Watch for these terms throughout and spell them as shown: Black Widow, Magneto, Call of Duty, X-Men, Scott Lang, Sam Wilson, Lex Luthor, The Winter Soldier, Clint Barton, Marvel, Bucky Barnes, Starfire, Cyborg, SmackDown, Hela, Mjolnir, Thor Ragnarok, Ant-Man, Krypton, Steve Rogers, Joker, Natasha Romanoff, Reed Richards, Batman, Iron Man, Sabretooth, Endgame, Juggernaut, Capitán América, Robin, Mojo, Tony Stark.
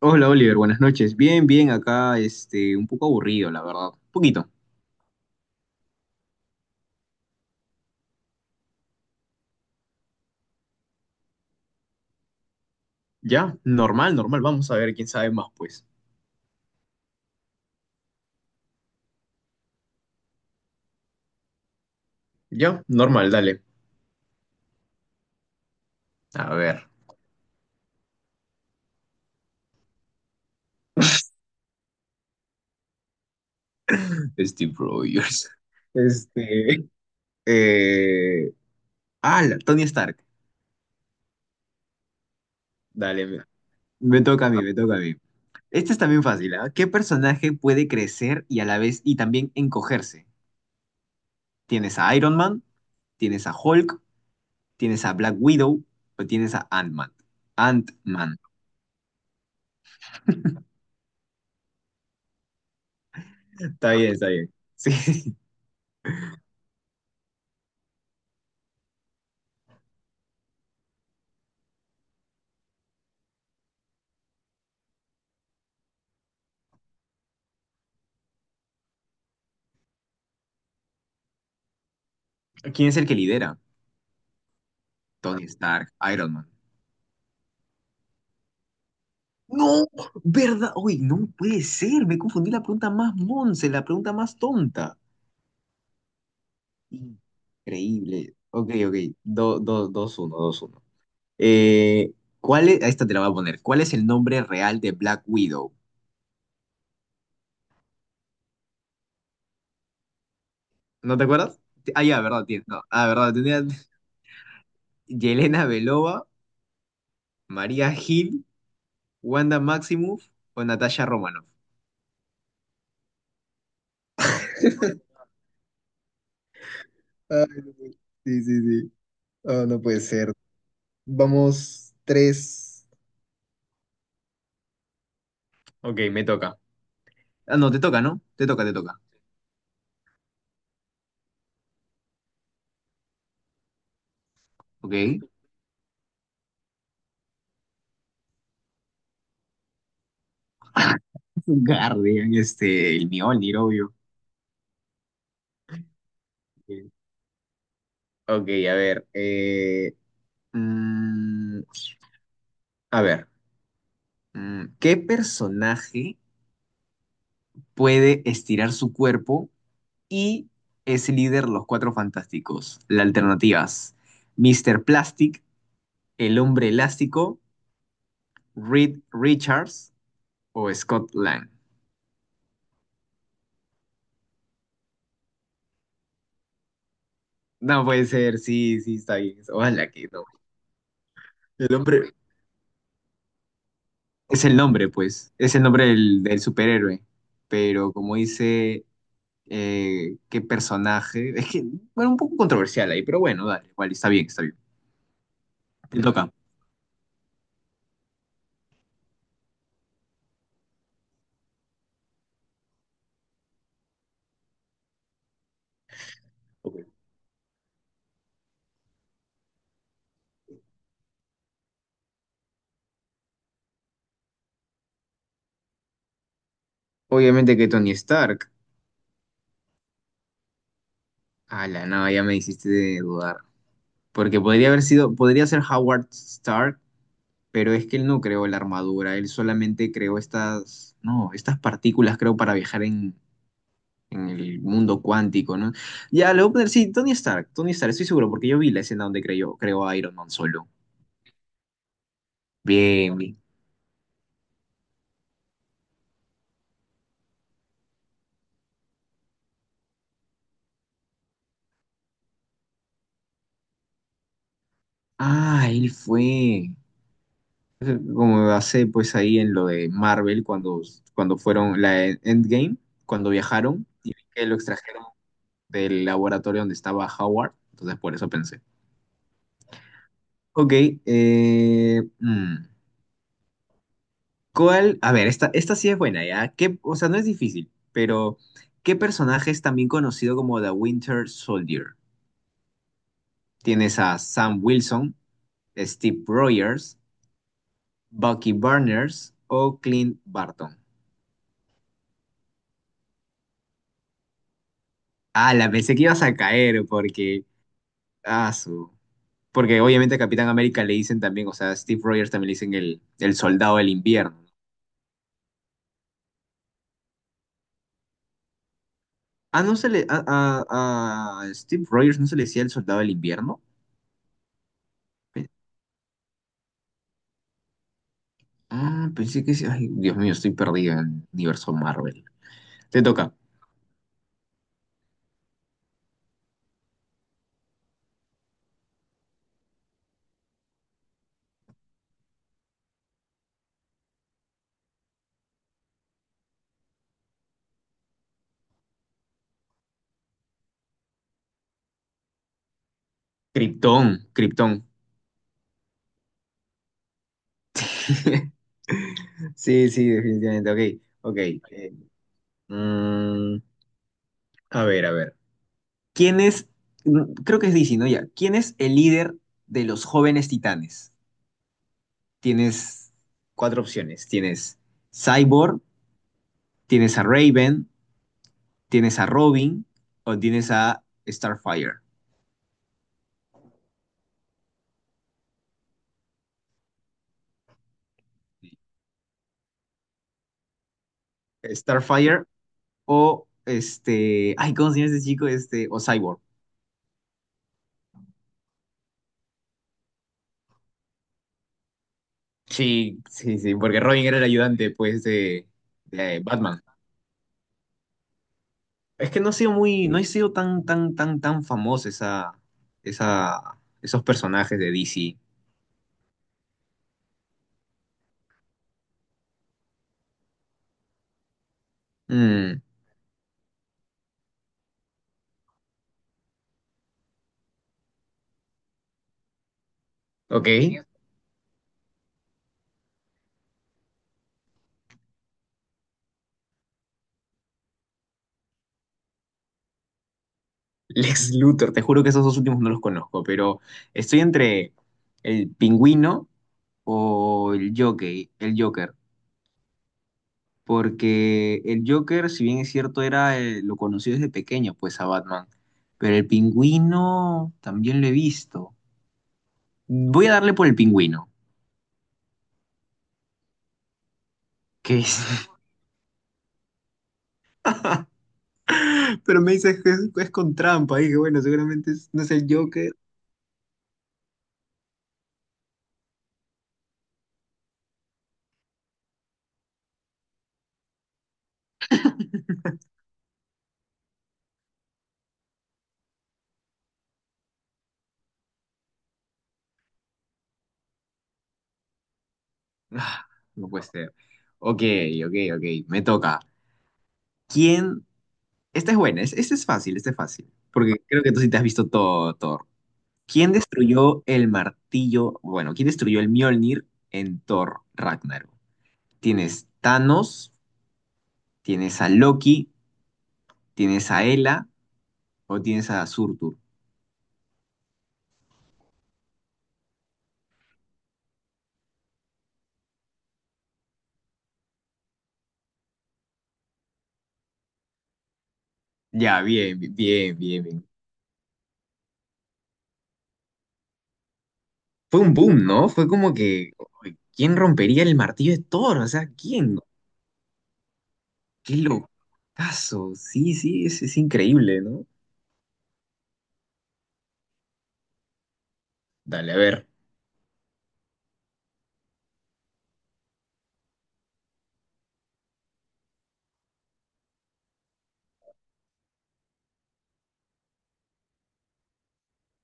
Hola Oliver, buenas noches. Bien, bien, acá un poco aburrido, la verdad. Un poquito. Ya, normal, normal. Vamos a ver quién sabe más, pues. Ya, normal, dale. A ver, Steve Rogers. Este. Eh... Tony Stark. Dale, me, me toca a mí, me toca a mí. Este es también fácil, ¿ah? ¿Qué personaje puede crecer y a la vez y también encogerse? ¿Tienes a Iron Man? ¿Tienes a Hulk? ¿Tienes a Black Widow? ¿O tienes a Ant-Man? Ant-Man. Está bien, está bien. Sí. ¿Quién es el que lidera? Tony Stark, Iron Man. No, ¿verdad? Uy, no puede ser. Me confundí la pregunta más monse, la pregunta más tonta. Increíble. Ok, ok. Dos uno dos uno. Eh, ¿Cuál es? A Esta te la voy a poner. ¿Cuál es el nombre real de Black Widow? ¿No te acuerdas? Ah, ya, verdad, tiene. No. Ah, verdad, tenía. Yelena Belova, María Gil, Wanda Maximoff o Natasha Romanoff. Ay, no puede- Sí, sí, sí. Oh, no puede ser. Vamos, tres. Ok, me toca. Ah, no, te toca, ¿no? Te toca, te toca. Ok. Guardian, el Mjolnir, obvio. Eh, Ok, a ver. Mm, a ver. ¿Qué personaje puede estirar su cuerpo y es líder de los Cuatro Fantásticos? Las alternativas: Mr. Plastic, el hombre elástico, Reed Richards o Scott Lang. No puede ser, sí, sí, está bien. Ojalá que no. El nombre es el nombre, pues. Es el nombre del superhéroe. Pero como dice, qué personaje. Es que, bueno, un poco controversial ahí, pero bueno, dale, igual, está bien, está bien. Te toca. Ok. Obviamente que Tony Stark. Ala no, ya me hiciste de dudar. Porque podría haber sido, podría ser Howard Stark, pero es que él no creó la armadura, él solamente creó estas, no, estas partículas, creo, para viajar en el mundo cuántico, ¿no? Ya, le voy a poner, sí, Tony Stark, Tony Stark, estoy seguro, porque yo vi la escena donde creó, creó a Iron Man solo. Bien, bien. Ah, él fue. Como hace pues ahí en lo de Marvel, cuando fueron la Endgame, cuando viajaron y que lo extrajeron del laboratorio donde estaba Howard, entonces por eso pensé. Ok, mm. ¿Cuál? A ver, esta sí es buena, ¿ya? ¿Qué, o sea, no es difícil, pero ¿qué personaje es también conocido como The Winter Soldier? Tienes a Sam Wilson, Steve Rogers, Bucky Barnes o Clint Barton. Ah, la pensé que ibas a caer porque... Ah, su... Porque obviamente a Capitán América le dicen también, o sea, a Steve Rogers también le dicen el soldado del invierno. Ah, no se le... a Steve Rogers no se le decía el soldado del invierno. Ah, pensé que sí. Ay, Dios mío, estoy perdido en el universo Marvel. Te toca. Krypton, Krypton. Sí, sí, definitivamente. Ok, ok. Eh, mm, a ver, a ver. ¿Quién es? Creo que es DC, ¿no? Ya. ¿Quién es el líder de los jóvenes titanes? Tienes cuatro opciones. Tienes Cyborg, tienes a Raven, tienes a Robin o tienes a Starfire. Starfire o ay, ¿cómo se llama este chico? Este, o Cyborg. Sí, sí, sí, porque Robin era el ayudante, pues, de Batman. Es que no ha sido muy, no ha sido tan, tan, tan, tan famoso esa, esos personajes de DC. Mm, ok. Lex Luthor, te juro que esos dos últimos no los conozco, pero estoy entre el pingüino o el Joker, el Joker. Porque el Joker, si bien es cierto, era lo conocí desde pequeño, pues a Batman, pero el pingüino también lo he visto. Voy a darle por el pingüino, que es... Pero me dices que es con trampa, y que bueno, seguramente es- no es el Joker. Ah, no puede ser. Ok, ok, ok, me toca. ¿Quién? Esta es buena, es- esta es fácil, porque creo que tú sí te has visto todo, Thor. ¿Quién destruyó el martillo? Bueno, ¿quién destruyó el Mjolnir en Thor Ragnarok? Tienes Thanos, tienes a Loki, tienes a Hela o tienes a Surtur. Ya, bien, bien, bien, bien. Fue un boom, ¿no? Fue como que, uy, ¿quién rompería el martillo de Thor? O sea, ¿quién? Qué locazo. Sí, sí, es increíble, ¿no? Dale, a ver.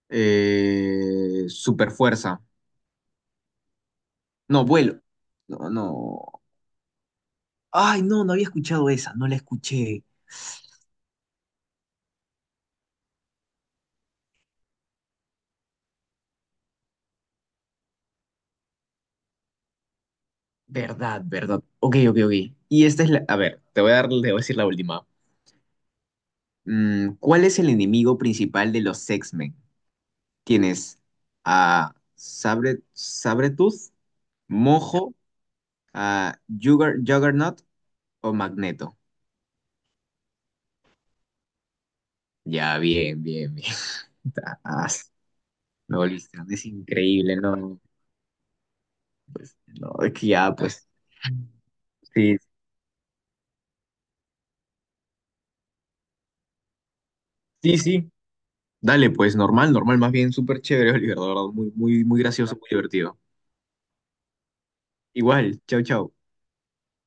Super fuerza. No, vuelo. No, no. Ay, no, no había escuchado esa, no la escuché. Verdad, verdad. Ok, ok, ok. Y esta es la... A ver, te voy a dar, te voy a decir la última. Mm, ¿cuál es el enemigo principal de los X-Men? Tienes a Sabretooth, Mojo, a Juggernaut o Magneto. Ya, bien, bien, bien. Ah, me volviste, es increíble, ¿no? Pues, no, es que ya, pues. Sí, sí, sí. Dale, pues, normal, normal, más bien súper chévere, Oliver, de verdad, muy, muy, muy gracioso, muy divertido. Igual, chau, chau.